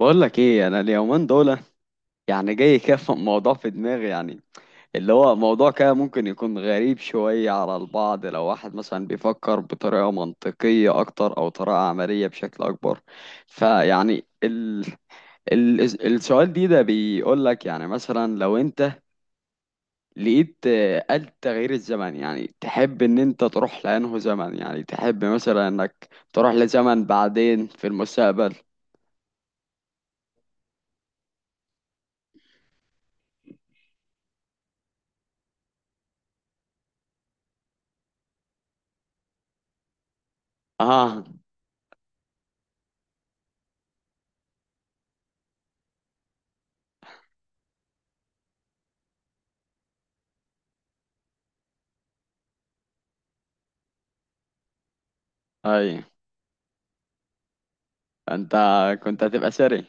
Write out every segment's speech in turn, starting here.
بقول لك ايه؟ انا اليومين دول يعني جاي كده في موضوع في دماغي، يعني اللي هو موضوع كده ممكن يكون غريب شوية على البعض، لو واحد مثلا بيفكر بطريقة منطقية اكتر او طريقة عملية بشكل اكبر. فيعني ال... السؤال ده بيقول لك يعني مثلا لو انت لقيت آلة تغيير الزمن، يعني تحب ان انت تروح لانه زمن، يعني تحب مثلا انك تروح لزمن بعدين في المستقبل. اه. اي. انت كنت هتبقى سري.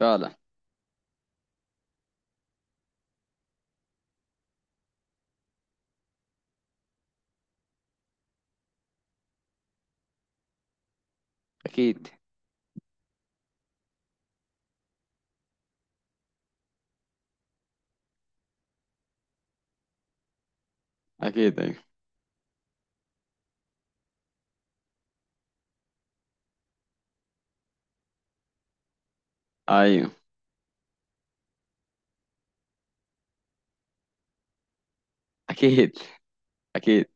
فعلا. اكيد، اكيد. ايوه، ايوه. اكيد، اكيد.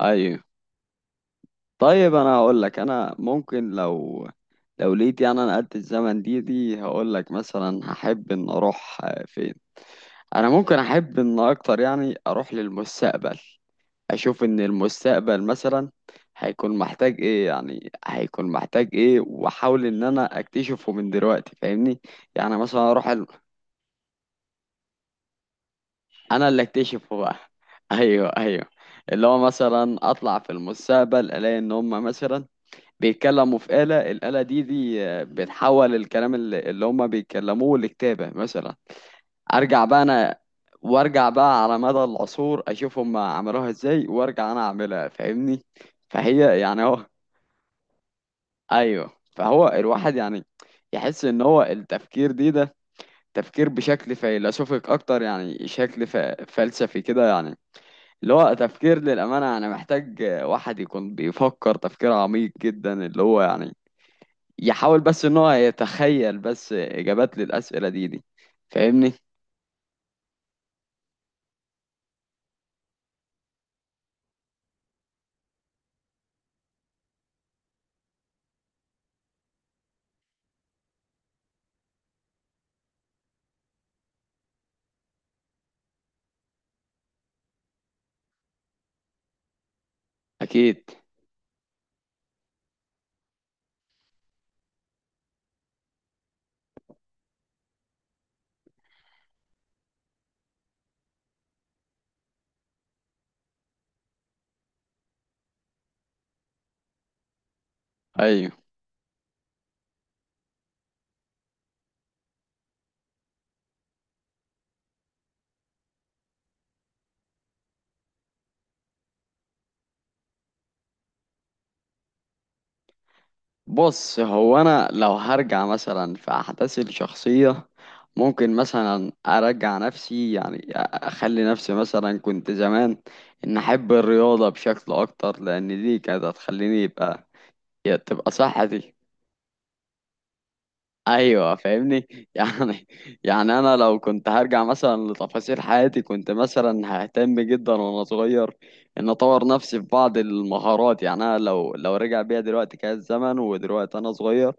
ايوه. طيب انا هقول لك، انا ممكن لو لقيت يعني انا قد الزمن دي هقول لك مثلا هحب ان اروح فين. انا ممكن احب ان اكتر يعني اروح للمستقبل، اشوف ان المستقبل مثلا هيكون محتاج ايه، يعني هيكون محتاج ايه واحاول ان انا اكتشفه من دلوقتي، فاهمني؟ يعني مثلا اروح انا اللي اكتشفه بقى. ايوه، ايوه. اللي هو مثلا اطلع في المستقبل الاقي ان هم مثلا بيتكلموا في الآلة دي بتحول الكلام اللي هم بيتكلموه لكتابة مثلا. ارجع بقى انا، وارجع بقى على مدى العصور اشوف هم عملوها ازاي، وارجع انا اعملها، فاهمني؟ فهي يعني هو، ايوه. فهو الواحد يعني يحس ان هو التفكير ده تفكير بشكل فيلسوفيك اكتر، يعني شكل فلسفي كده يعني. اللي هو تفكير، للأمانة أنا محتاج واحد يكون بيفكر تفكير عميق جدا، اللي هو يعني يحاول بس إن هو يتخيل بس إجابات للأسئلة دي، فاهمني؟ أكيد. أيوه. بص، هو أنا لو هرجع مثلا في أحداث الشخصية ممكن مثلا أرجع نفسي، يعني أخلي نفسي مثلا كنت زمان، إن أحب الرياضة بشكل أكتر، لأن دي كانت هتخليني تبقى صحتي. ايوه، فاهمني؟ يعني يعني انا لو كنت هرجع مثلا لتفاصيل حياتي كنت مثلا ههتم جدا وانا صغير ان اطور نفسي في بعض المهارات. يعني انا لو رجع بيا دلوقتي كان الزمن ودلوقتي انا صغير،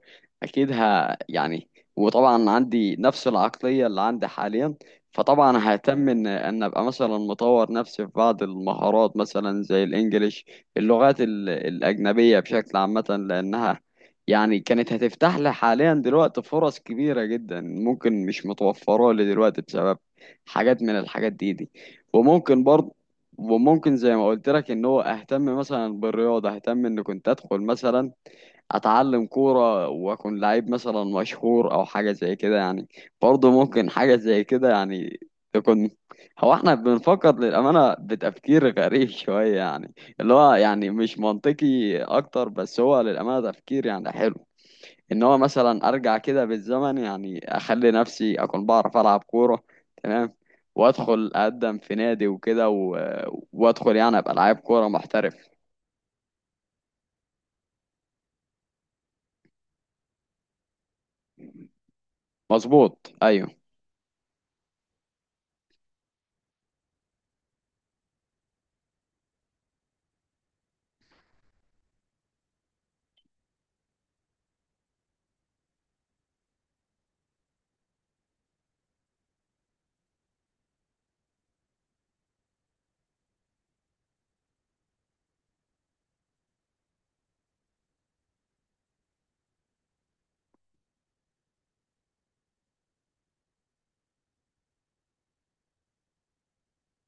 اكيد يعني، وطبعا عندي نفس العقلية اللي عندي حاليا، فطبعا ههتم ان ان ابقى مثلا مطور نفسي في بعض المهارات، مثلا زي الانجليش، اللغات الاجنبية بشكل عامة، لانها يعني كانت هتفتح لي حاليا دلوقتي فرص كبيرة جدا ممكن مش متوفرة لي دلوقتي بسبب حاجات من الحاجات دي. وممكن برضه، وممكن زي ما قلت لك ان هو اهتم مثلا بالرياضة، اهتم ان كنت ادخل مثلا اتعلم كورة واكون لعيب مثلا مشهور او حاجة زي كده يعني. برضه ممكن حاجة زي كده يعني تكون. هو احنا بنفكر للأمانة بتفكير غريب شوية، يعني اللي هو يعني مش منطقي اكتر، بس هو للأمانة تفكير يعني حلو، ان هو مثلا ارجع كده بالزمن يعني اخلي نفسي اكون بعرف العب كوره. تمام. وادخل اقدم في نادي وكده وادخل يعني ابقى لعيب كوره محترف. مظبوط. ايوه.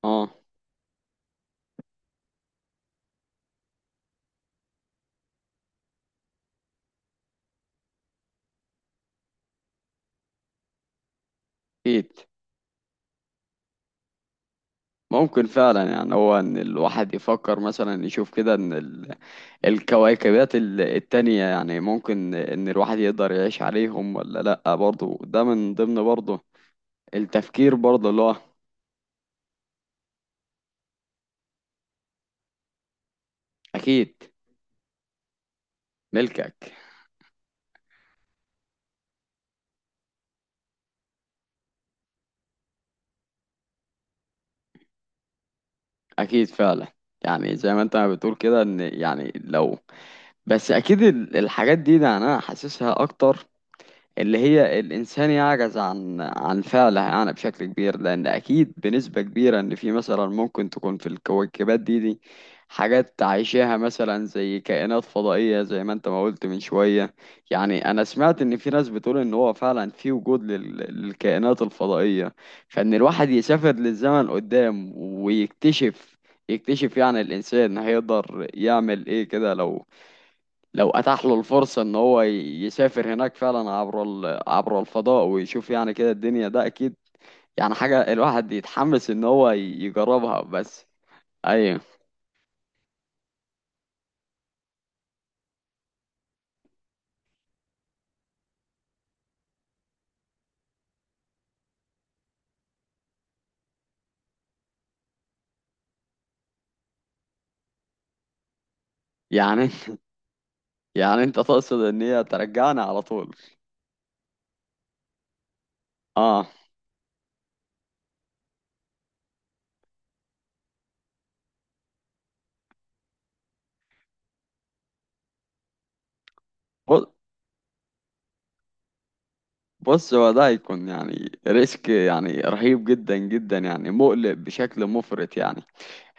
اه. اكيد. ممكن فعلا يعني هو ان الواحد يفكر مثلا يشوف كده ان الكواكبات التانية، يعني ممكن ان الواحد يقدر يعيش عليهم ولا لا، برضه ده من ضمن، برضه التفكير برضه اللي هو. اكيد. ملكك. اكيد فعلا. يعني زي ما انت ما بتقول كده ان يعني لو، بس اكيد الحاجات ده انا حاسسها اكتر، اللي هي الإنسان يعجز عن فعلها يعني بشكل كبير، لأن أكيد بنسبة كبيرة إن في مثلا ممكن تكون في الكويكبات دي حاجات عايشاها، مثلا زي كائنات فضائية زي ما أنت ما قلت من شوية. يعني أنا سمعت إن في ناس بتقول إن هو فعلا في وجود للكائنات الفضائية. فإن الواحد يسافر للزمن قدام ويكتشف، يكتشف يعني الإنسان هيقدر يعمل إيه كده لو اتاح له الفرصة ان هو يسافر هناك فعلا عبر عبر الفضاء ويشوف يعني كده الدنيا ده اكيد، يعني حاجة الواحد يتحمس ان هو يجربها بس. ايوه يعني. يعني انت تقصد ان هي ترجعني على طول؟ اه. ب- بص، هو ده هيكون يعني ريسك يعني رهيب جدا جدا، يعني مقلق بشكل مفرط يعني،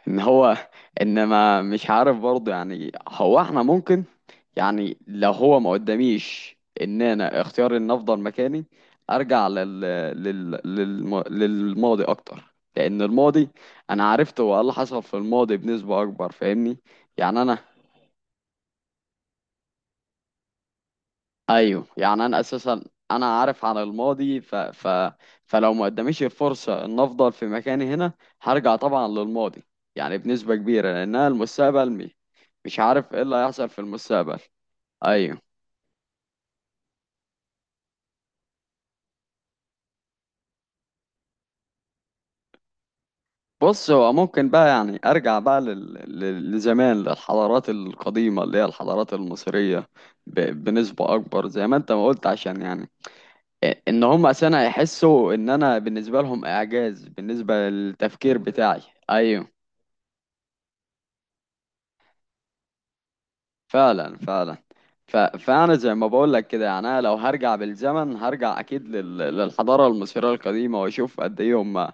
ان هو، ان ما مش عارف برضه يعني، هو احنا ممكن يعني لو هو ما قداميش، ان انا اختيار ان افضل مكاني، ارجع للماضي اكتر، لان الماضي انا عرفت هو إيه اللي حصل في الماضي بنسبة اكبر، فاهمني؟ يعني انا، ايوه، يعني انا اساسا انا عارف عن الماضي فلو ما قداميش الفرصه ان افضل في مكاني هنا، هرجع طبعا للماضي يعني بنسبه كبيره، لانها المستقبل مش عارف ايه اللي هيحصل في المستقبل. ايوه. بص، هو ممكن بقى يعني ارجع بقى لزمان للحضارات القديمه، اللي هي الحضارات المصريه، بنسبه اكبر، زي ما انت ما قلت، عشان يعني ان هم اساسا هيحسوا ان انا بالنسبه لهم اعجاز، بالنسبه للتفكير بتاعي. ايوه، فعلا، فعلا. فانا زي ما بقول لك كده يعني، انا لو هرجع بالزمن هرجع اكيد للحضاره المصريه القديمه، واشوف قد ايه هم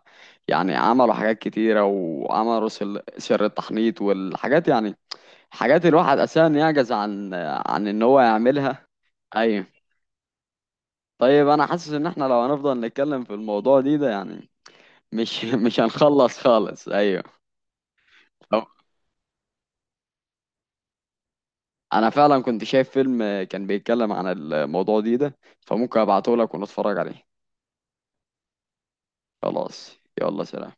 يعني عملوا حاجات كتيره، وعملوا سر التحنيط والحاجات، يعني حاجات الواحد اساسا يعجز عن ان هو يعملها. ايوه. طيب، انا حاسس ان احنا لو هنفضل نتكلم في الموضوع ده يعني مش مش هنخلص خالص. ايوه. طب انا فعلا كنت شايف فيلم كان بيتكلم عن الموضوع ده، فممكن ابعته لك ونتفرج عليه. خلاص. يلا، سلام.